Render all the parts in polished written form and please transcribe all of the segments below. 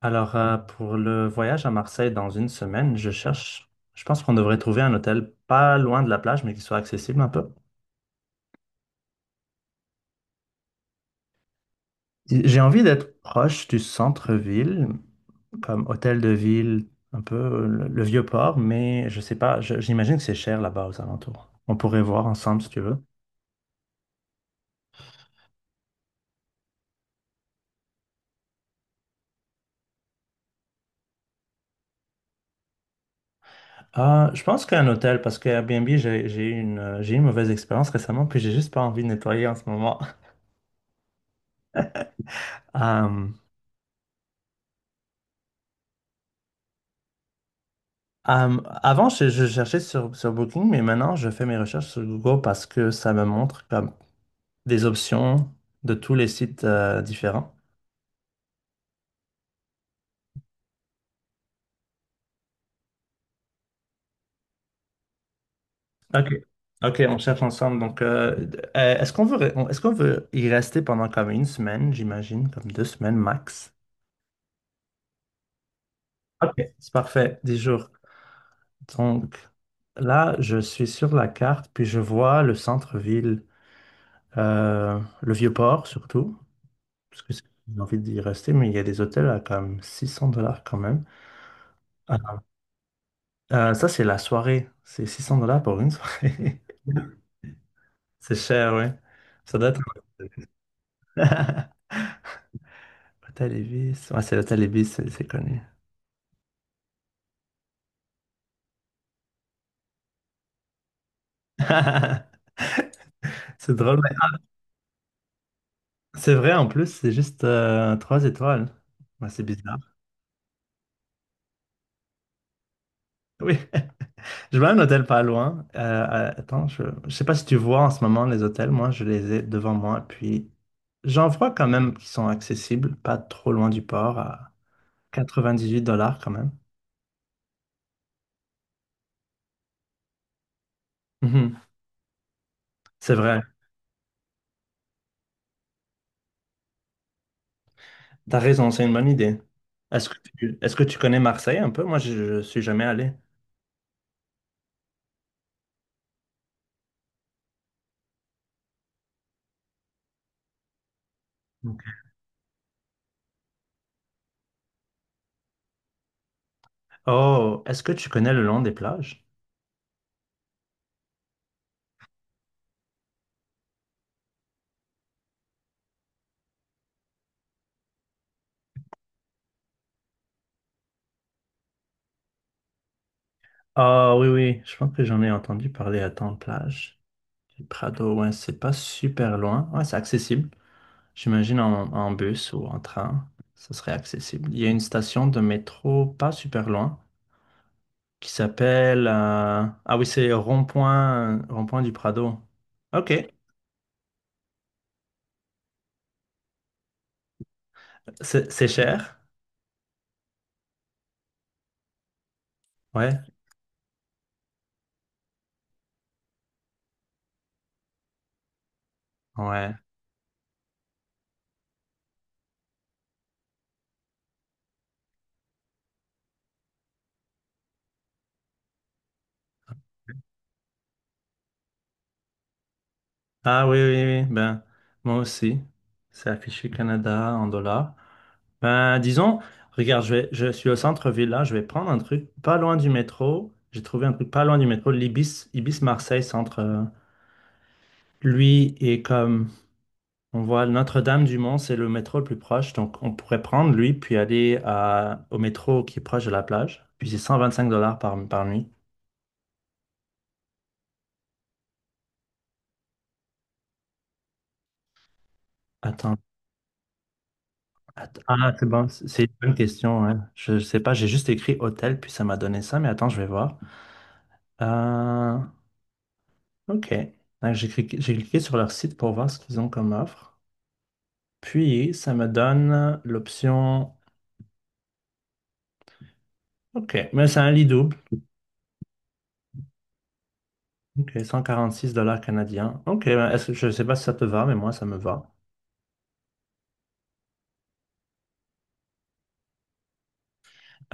Alors, pour le voyage à Marseille dans une semaine, je pense qu'on devrait trouver un hôtel pas loin de la plage, mais qui soit accessible un peu. J'ai envie d'être proche du centre-ville, comme hôtel de ville, un peu le vieux port, mais je sais pas, j'imagine que c'est cher là-bas aux alentours. On pourrait voir ensemble si tu veux. Ah, je pense qu'un hôtel, parce que Airbnb, j'ai eu une mauvaise expérience récemment, puis j'ai juste pas envie de nettoyer en ce moment. Avant, je cherchais sur Booking, mais maintenant, je fais mes recherches sur Google parce que ça me montre comme des options de tous les sites différents. OK. OK, on cherche ensemble. Donc, est-ce qu'on veut y rester pendant comme une semaine, j'imagine, comme 2 semaines max? OK, c'est parfait, 10 jours. Donc, là, je suis sur la carte, puis je vois le centre-ville, le Vieux-Port surtout, parce que j'ai envie d'y rester, mais il y a des hôtels à comme 600 dollars quand même. Ah, ça, c'est la soirée. C'est 600 dollars pour une soirée. C'est cher, ouais. Ça doit être... Hôtel Ibis. Ouais, c'est l'hôtel Ibis, c'est connu. C'est drôle, mais- ah, c'est vrai, en plus, c'est juste 3 étoiles. Ouais, c'est bizarre. Oui. Je vois un hôtel pas loin. Attends, je sais pas si tu vois en ce moment les hôtels. Moi, je les ai devant moi. Puis, j'en vois quand même qui sont accessibles, pas trop loin du port, à 98 dollars quand même. Mhm. C'est vrai. T'as raison, c'est une bonne idée. Est-ce que tu connais Marseille un peu? Moi, je suis jamais allé. Ok. Oh, est-ce que tu connais le long des plages? Ah oui, oui, je pense que j'en ai entendu parler à tant de plages. Le Prado, ouais, c'est pas super loin. Ouais, c'est accessible. J'imagine en bus ou en train, ça serait accessible. Il y a une station de métro pas super loin qui s'appelle... Ah oui, c'est Rond-Point, Rond-Point du Prado. Ok, c'est cher. Ouais, ouais. Ah oui. Ben, moi aussi. C'est affiché Canada en dollars. Ben, disons, regarde, je suis au centre-ville là, je vais prendre un truc pas loin du métro. J'ai trouvé un truc pas loin du métro, l'Ibis, Ibis Marseille Centre. Lui est comme on voit Notre-Dame-du-Mont, c'est le métro le plus proche, donc on pourrait prendre lui puis aller à, au métro qui est proche de la plage. Puis c'est 125 dollars par nuit. Attends. Ah, c'est bon, c'est une bonne question, hein. Je sais pas, j'ai juste écrit hôtel, puis ça m'a donné ça, mais attends, je vais voir. Euh, ok. Donc, j'ai cliqué sur leur site pour voir ce qu'ils ont comme offre. Puis, ça me donne l'option. Ok, mais c'est un lit double. Ok, 146 dollars canadiens. Ok, ben, je sais pas si ça te va, mais moi, ça me va.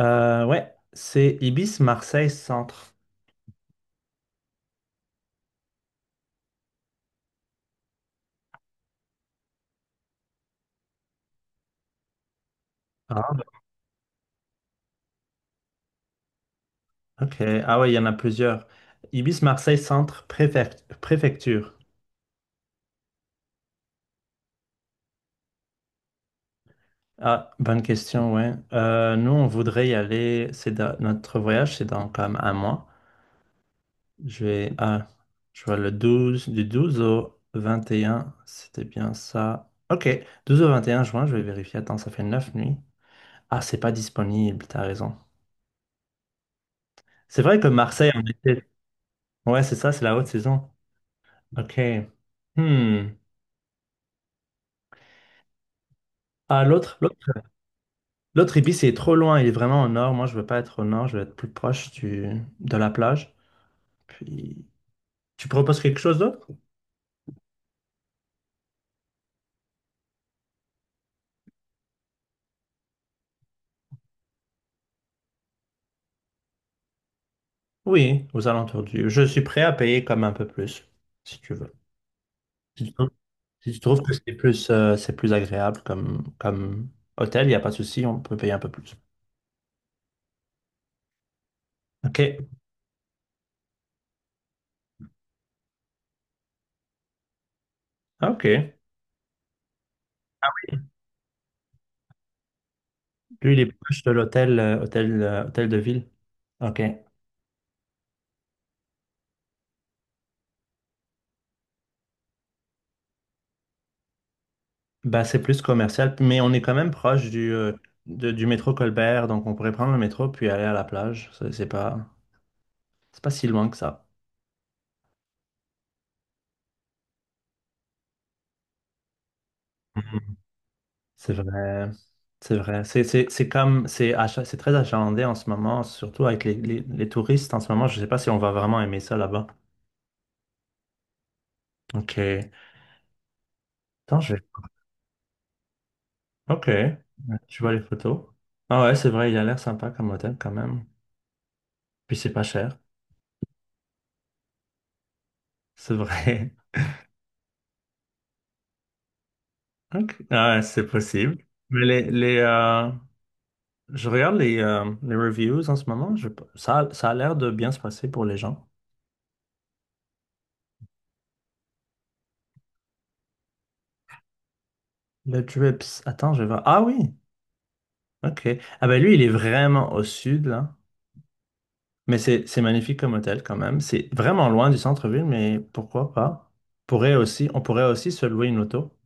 Ouais, c'est Ibis Marseille Centre. Ah, ok. Ah, ouais, il y en a plusieurs. Ibis Marseille Centre Préfecture. Ah, bonne question, ouais. Nous, on voudrait y aller. Notre voyage, c'est dans comme un mois. Je vais, ah, je vois le 12 du 12 au 21. C'était bien ça. Ok, 12 au 21 juin, je vais vérifier. Attends, ça fait 9 nuits. Ah, c'est pas disponible, t'as raison. C'est vrai que Marseille en été. Ouais, c'est ça, c'est la haute saison. Ok. Hmm. Ah, l'autre Ibis, il est trop loin. Il est vraiment au nord. Moi, je veux pas être au nord. Je veux être plus proche de la plage. Puis, tu proposes quelque chose d'autre? Oui, aux alentours du. Je suis prêt à payer comme un peu plus, si tu veux. Si tu trouves, si tu trouves que c'est plus agréable comme hôtel, il n'y a pas de souci, on peut payer un peu plus. OK. OK. Lui, il est proche de l'hôtel, hôtel de ville. OK. Bah, c'est plus commercial, mais on est quand même proche du métro Colbert, donc on pourrait prendre le métro puis aller à la plage. C'est pas si loin que ça. C'est vrai, c'est vrai. C'est comme, c'est très achalandé en ce moment, surtout avec les touristes en ce moment. Je ne sais pas si on va vraiment aimer ça là-bas. Ok. Attends, je vais... Ok. Je vois les photos. Ah ouais, c'est vrai, il a l'air sympa comme hôtel quand même. Puis c'est pas cher. C'est vrai. Ok. Ah ouais, c'est possible. Mais je regarde les reviews en ce moment. Je... ça a l'air de bien se passer pour les gens. Le Drips. Attends, je vais voir. Ah oui. Ok. Ah ben lui, il est vraiment au sud, là. Mais c'est magnifique comme hôtel quand même. C'est vraiment loin du centre-ville, mais pourquoi pas? Pourrait aussi, on pourrait aussi se louer une auto.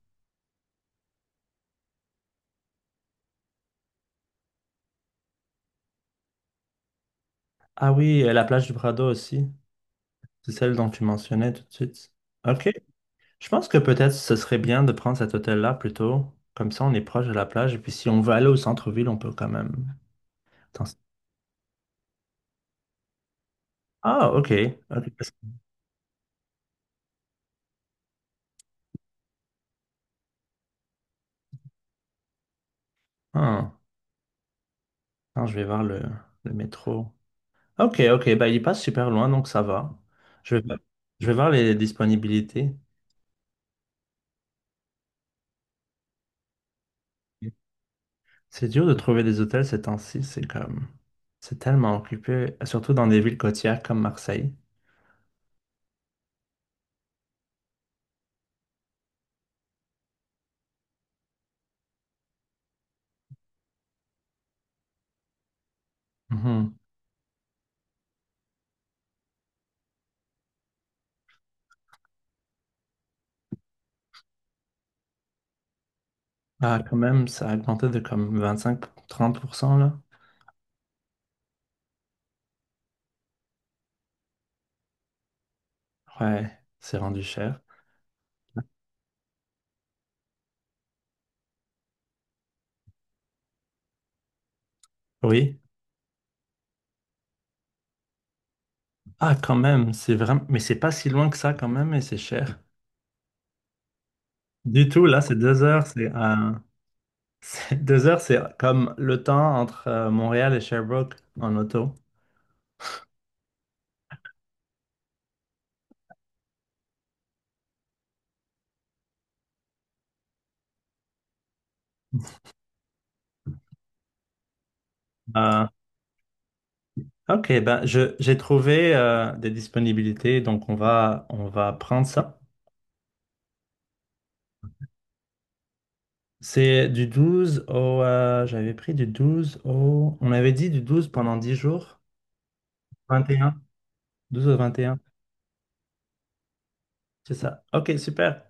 Ah oui, la plage du Prado aussi. C'est celle dont tu mentionnais tout de suite. OK. Je pense que peut-être ce serait bien de prendre cet hôtel-là plutôt. Comme ça, on est proche de la plage. Et puis si on veut aller au centre-ville, on peut quand même. Attends, Ah, OK. OK. Ah, attends, je vais voir le métro. OK, OK. Bah, il passe super loin, donc ça va. Je vais, je vais voir les disponibilités. C'est dur de trouver des hôtels ces temps-ci, c'est comme... c'est tellement occupé, surtout dans des villes côtières comme Marseille. Mhm. Ah, quand même, ça a augmenté de comme 25-30% là. Ouais, c'est rendu cher. Oui. Ah, quand même, c'est vraiment... Mais c'est pas si loin que ça quand même, et c'est cher. Du tout, là, c'est 2 heures, c'est... 2 heures, c'est comme le temps entre Montréal et Sherbrooke en auto. Euh, ok, ben je j'ai trouvé des disponibilités, donc on va prendre ça. C'est du 12 au... j'avais pris du 12 au... On avait dit du 12 pendant 10 jours. Vingt et un. 12 au 21. C'est ça. Ok, super.